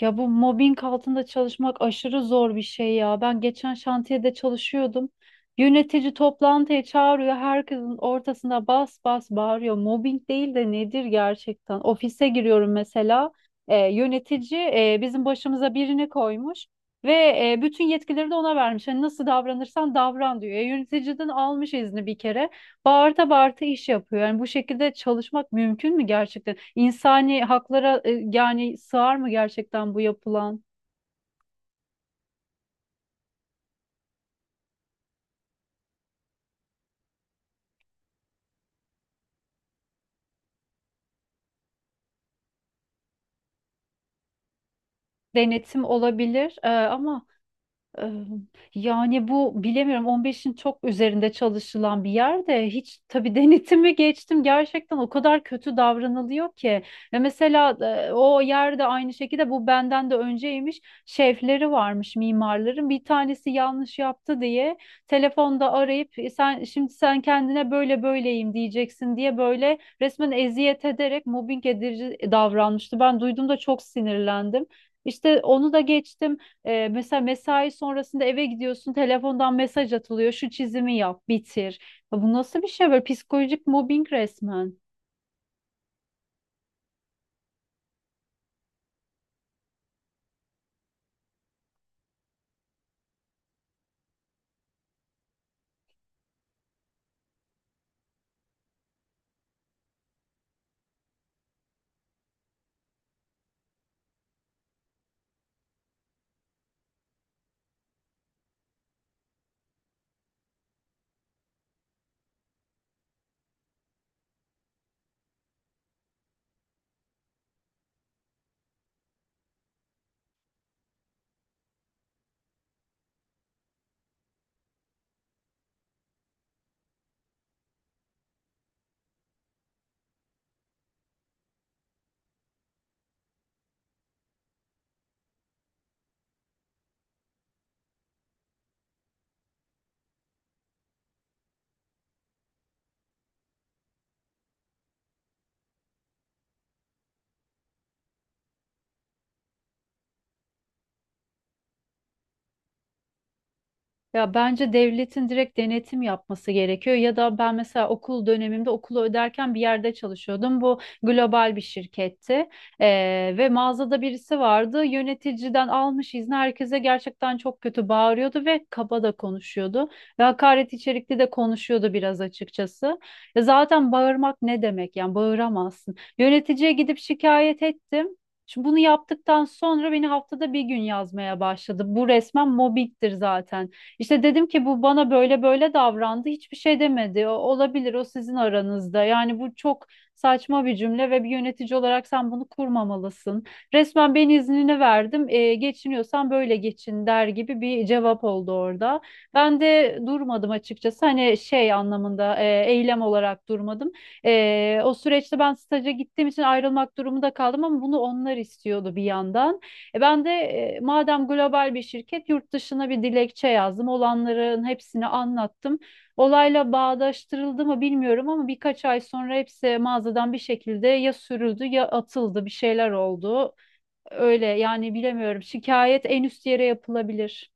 Ya bu mobbing altında çalışmak aşırı zor bir şey ya. Ben geçen şantiyede çalışıyordum. Yönetici toplantıya çağırıyor. Herkesin ortasında bas bas bağırıyor. Mobbing değil de nedir gerçekten? Ofise giriyorum mesela. Yönetici bizim başımıza birini koymuş ve bütün yetkileri de ona vermiş. Hani nasıl davranırsan davran diyor. Yöneticiden almış izni bir kere bağırta bağırta iş yapıyor. Yani bu şekilde çalışmak mümkün mü gerçekten? İnsani haklara yani sığar mı gerçekten bu yapılan? Denetim olabilir ama Eee, yani bu bilemiyorum 15'in çok üzerinde çalışılan bir yerde hiç tabii denetimi geçtim, gerçekten o kadar kötü davranılıyor ki. Ve mesela o yerde aynı şekilde bu benden de önceymiş, şefleri varmış, mimarların bir tanesi yanlış yaptı diye telefonda arayıp "Sen şimdi sen kendine böyle böyleyim diyeceksin" diye böyle resmen eziyet ederek mobbing edici davranmıştı. Ben duyduğumda çok sinirlendim. İşte onu da geçtim. Mesela mesai sonrasında eve gidiyorsun, telefondan mesaj atılıyor: "Şu çizimi yap, bitir." Ya bu nasıl bir şey böyle? Psikolojik mobbing resmen. Ya bence devletin direkt denetim yapması gerekiyor. Ya da ben mesela okul dönemimde okulu öderken bir yerde çalışıyordum. Bu global bir şirketti. Ve mağazada birisi vardı, yöneticiden almış izni, herkese gerçekten çok kötü bağırıyordu ve kaba da konuşuyordu ve hakaret içerikli de konuşuyordu biraz açıkçası. E zaten bağırmak ne demek? Yani bağıramazsın. Yöneticiye gidip şikayet ettim. Şimdi bunu yaptıktan sonra beni haftada bir gün yazmaya başladı. Bu resmen mobbingdir zaten. İşte dedim ki bu bana böyle böyle davrandı. Hiçbir şey demedi. "O, olabilir, o sizin aranızda." Yani bu çok saçma bir cümle ve bir yönetici olarak sen bunu kurmamalısın. Resmen ben iznini verdim, geçiniyorsan böyle geçin der gibi bir cevap oldu orada. Ben de durmadım açıkçası. Hani şey anlamında eylem olarak durmadım. O süreçte ben staja gittiğim için ayrılmak durumunda kaldım ama bunu onlar istiyordu bir yandan. Ben de madem global bir şirket, yurt dışına bir dilekçe yazdım. Olanların hepsini anlattım. Olayla bağdaştırıldı mı bilmiyorum ama birkaç ay sonra hepsi mağazadan bir şekilde ya sürüldü ya atıldı, bir şeyler oldu. Öyle yani bilemiyorum. Şikayet en üst yere yapılabilir.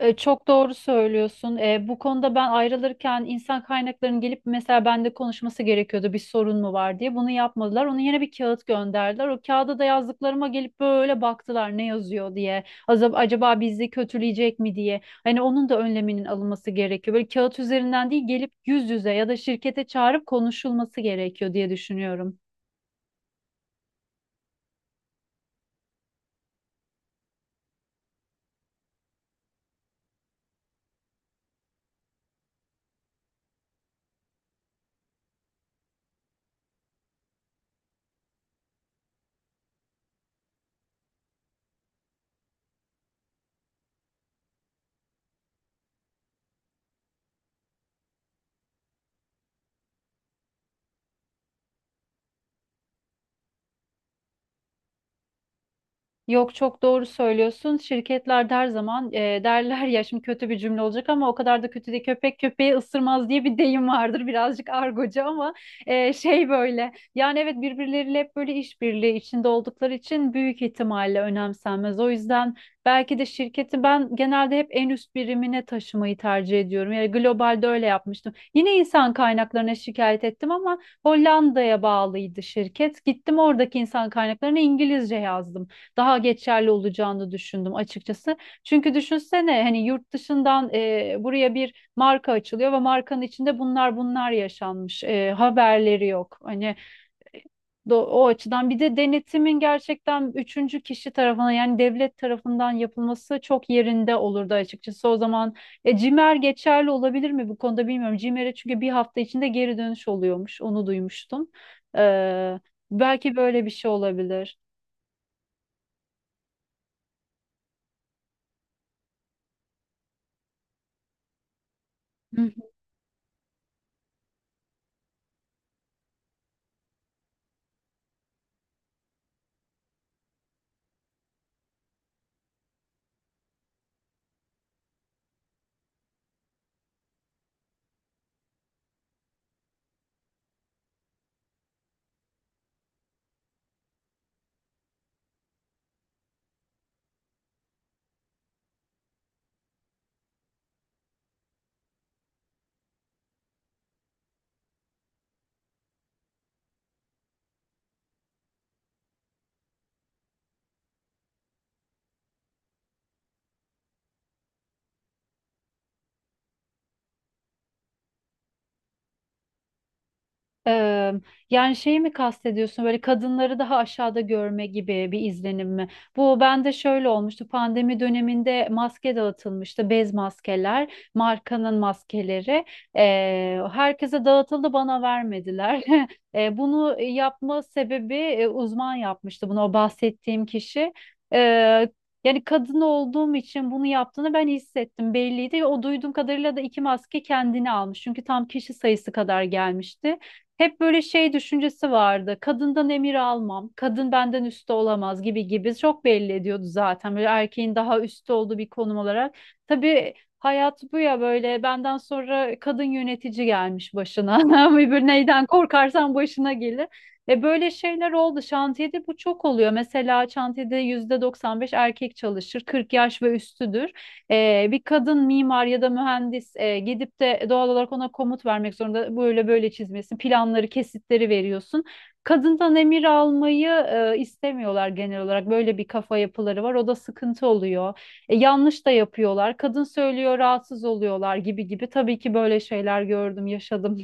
Çok doğru söylüyorsun. Bu konuda ben ayrılırken insan kaynaklarının gelip mesela bende konuşması gerekiyordu, bir sorun mu var diye. Bunu yapmadılar. Onu yine bir kağıt gönderdiler. O kağıda da yazdıklarıma gelip böyle baktılar ne yazıyor diye. Acaba bizi kötüleyecek mi diye. Hani onun da önleminin alınması gerekiyor. Böyle kağıt üzerinden değil, gelip yüz yüze ya da şirkete çağırıp konuşulması gerekiyor diye düşünüyorum. Yok, çok doğru söylüyorsun. Şirketler de her zaman derler ya, şimdi kötü bir cümle olacak ama o kadar da kötü değil. Köpek köpeği ısırmaz diye bir deyim vardır, birazcık argocu ama şey böyle. Yani evet, birbirleriyle hep böyle işbirliği içinde oldukları için büyük ihtimalle önemsenmez. O yüzden belki de şirketi ben genelde hep en üst birimine taşımayı tercih ediyorum. Yani globalde öyle yapmıştım. Yine insan kaynaklarına şikayet ettim ama Hollanda'ya bağlıydı şirket. Gittim oradaki insan kaynaklarına İngilizce yazdım, daha geçerli olacağını düşündüm açıkçası. Çünkü düşünsene, hani yurt dışından buraya bir marka açılıyor ve markanın içinde bunlar yaşanmış. Haberleri yok. Hani o açıdan bir de denetimin gerçekten üçüncü kişi tarafından yani devlet tarafından yapılması çok yerinde olurdu açıkçası. O zaman CİMER geçerli olabilir mi bu konuda bilmiyorum. CİMER'e çünkü bir hafta içinde geri dönüş oluyormuş, onu duymuştum. Ee, belki böyle bir şey olabilir. Eee, yani şeyi mi kastediyorsun, böyle kadınları daha aşağıda görme gibi bir izlenim mi? Bu bende şöyle olmuştu: pandemi döneminde maske dağıtılmıştı, bez maskeler, markanın maskeleri. Herkese dağıtıldı, bana vermediler. Bunu yapma sebebi, uzman yapmıştı bunu, o bahsettiğim kişi. Eee, Yani kadın olduğum için bunu yaptığını ben hissettim, belliydi. O duyduğum kadarıyla da iki maske kendini almış. Çünkü tam kişi sayısı kadar gelmişti. Hep böyle şey düşüncesi vardı: kadından emir almam, kadın benden üstte olamaz gibi gibi, çok belli ediyordu zaten. Böyle erkeğin daha üstte olduğu bir konum olarak. Tabii hayat bu ya, böyle benden sonra kadın yönetici gelmiş başına. Bir, neyden korkarsan başına gelir. Ve böyle şeyler oldu. Şantiyede bu çok oluyor. Mesela şantiyede %95 erkek çalışır. 40 yaş ve üstüdür. Bir kadın mimar ya da mühendis gidip de doğal olarak ona komut vermek zorunda. Böyle böyle çizmesin planları, kesitleri veriyorsun. Kadından emir almayı istemiyorlar. Genel olarak böyle bir kafa yapıları var, o da sıkıntı oluyor. Yanlış da yapıyorlar, kadın söylüyor, rahatsız oluyorlar gibi gibi. Tabii ki böyle şeyler gördüm, yaşadım.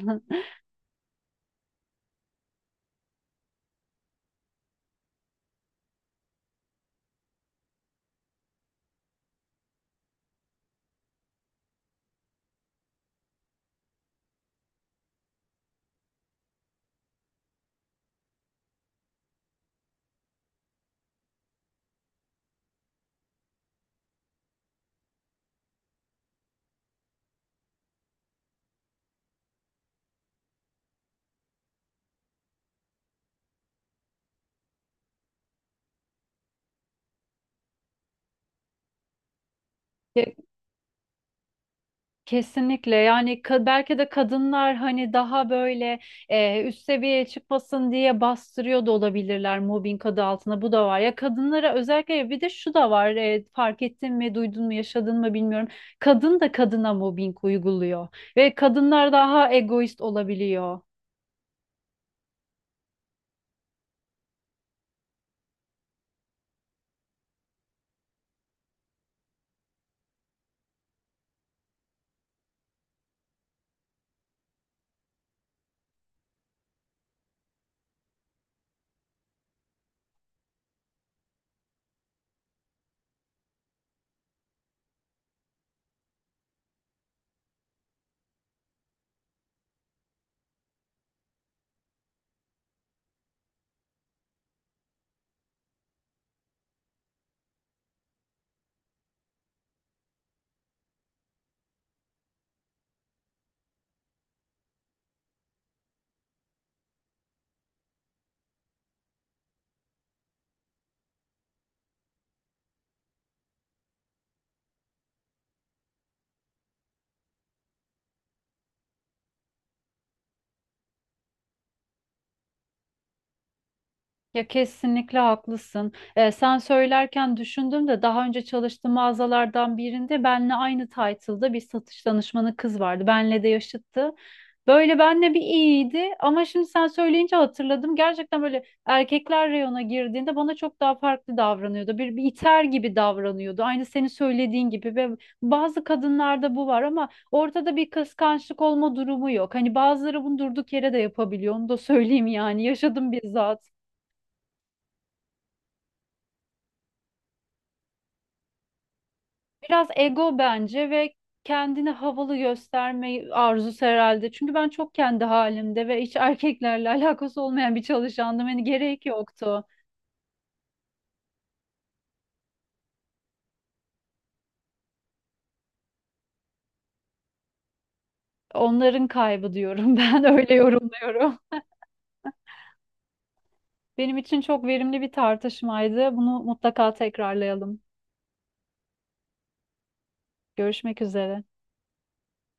Kesinlikle. Yani belki de kadınlar hani daha böyle üst seviyeye çıkmasın diye bastırıyor da olabilirler mobbing adı altında. Bu da var ya, kadınlara özellikle. Bir de şu da var, fark ettin mi, duydun mu, yaşadın mı bilmiyorum, kadın da kadına mobbing uyguluyor ve kadınlar daha egoist olabiliyor. Ya kesinlikle haklısın. Sen söylerken düşündüm de, daha önce çalıştığım mağazalardan birinde benle aynı title'da bir satış danışmanı kız vardı. Benle de yaşıttı. Böyle benle bir iyiydi ama şimdi sen söyleyince hatırladım: gerçekten böyle erkekler reyona girdiğinde bana çok daha farklı davranıyordu. Bir iter gibi davranıyordu, aynı senin söylediğin gibi. Ve bazı kadınlarda bu var ama ortada bir kıskançlık olma durumu yok. Hani bazıları bunu durduk yere de yapabiliyor. Onu da söyleyeyim, yani yaşadım bizzat. Biraz ego bence ve kendini havalı gösterme arzusu herhalde. Çünkü ben çok kendi halimde ve hiç erkeklerle alakası olmayan bir çalışandım. Hani gerek yoktu. Onların kaybı diyorum, ben öyle yorumluyorum. Benim için çok verimli bir tartışmaydı. Bunu mutlaka tekrarlayalım. Görüşmek üzere.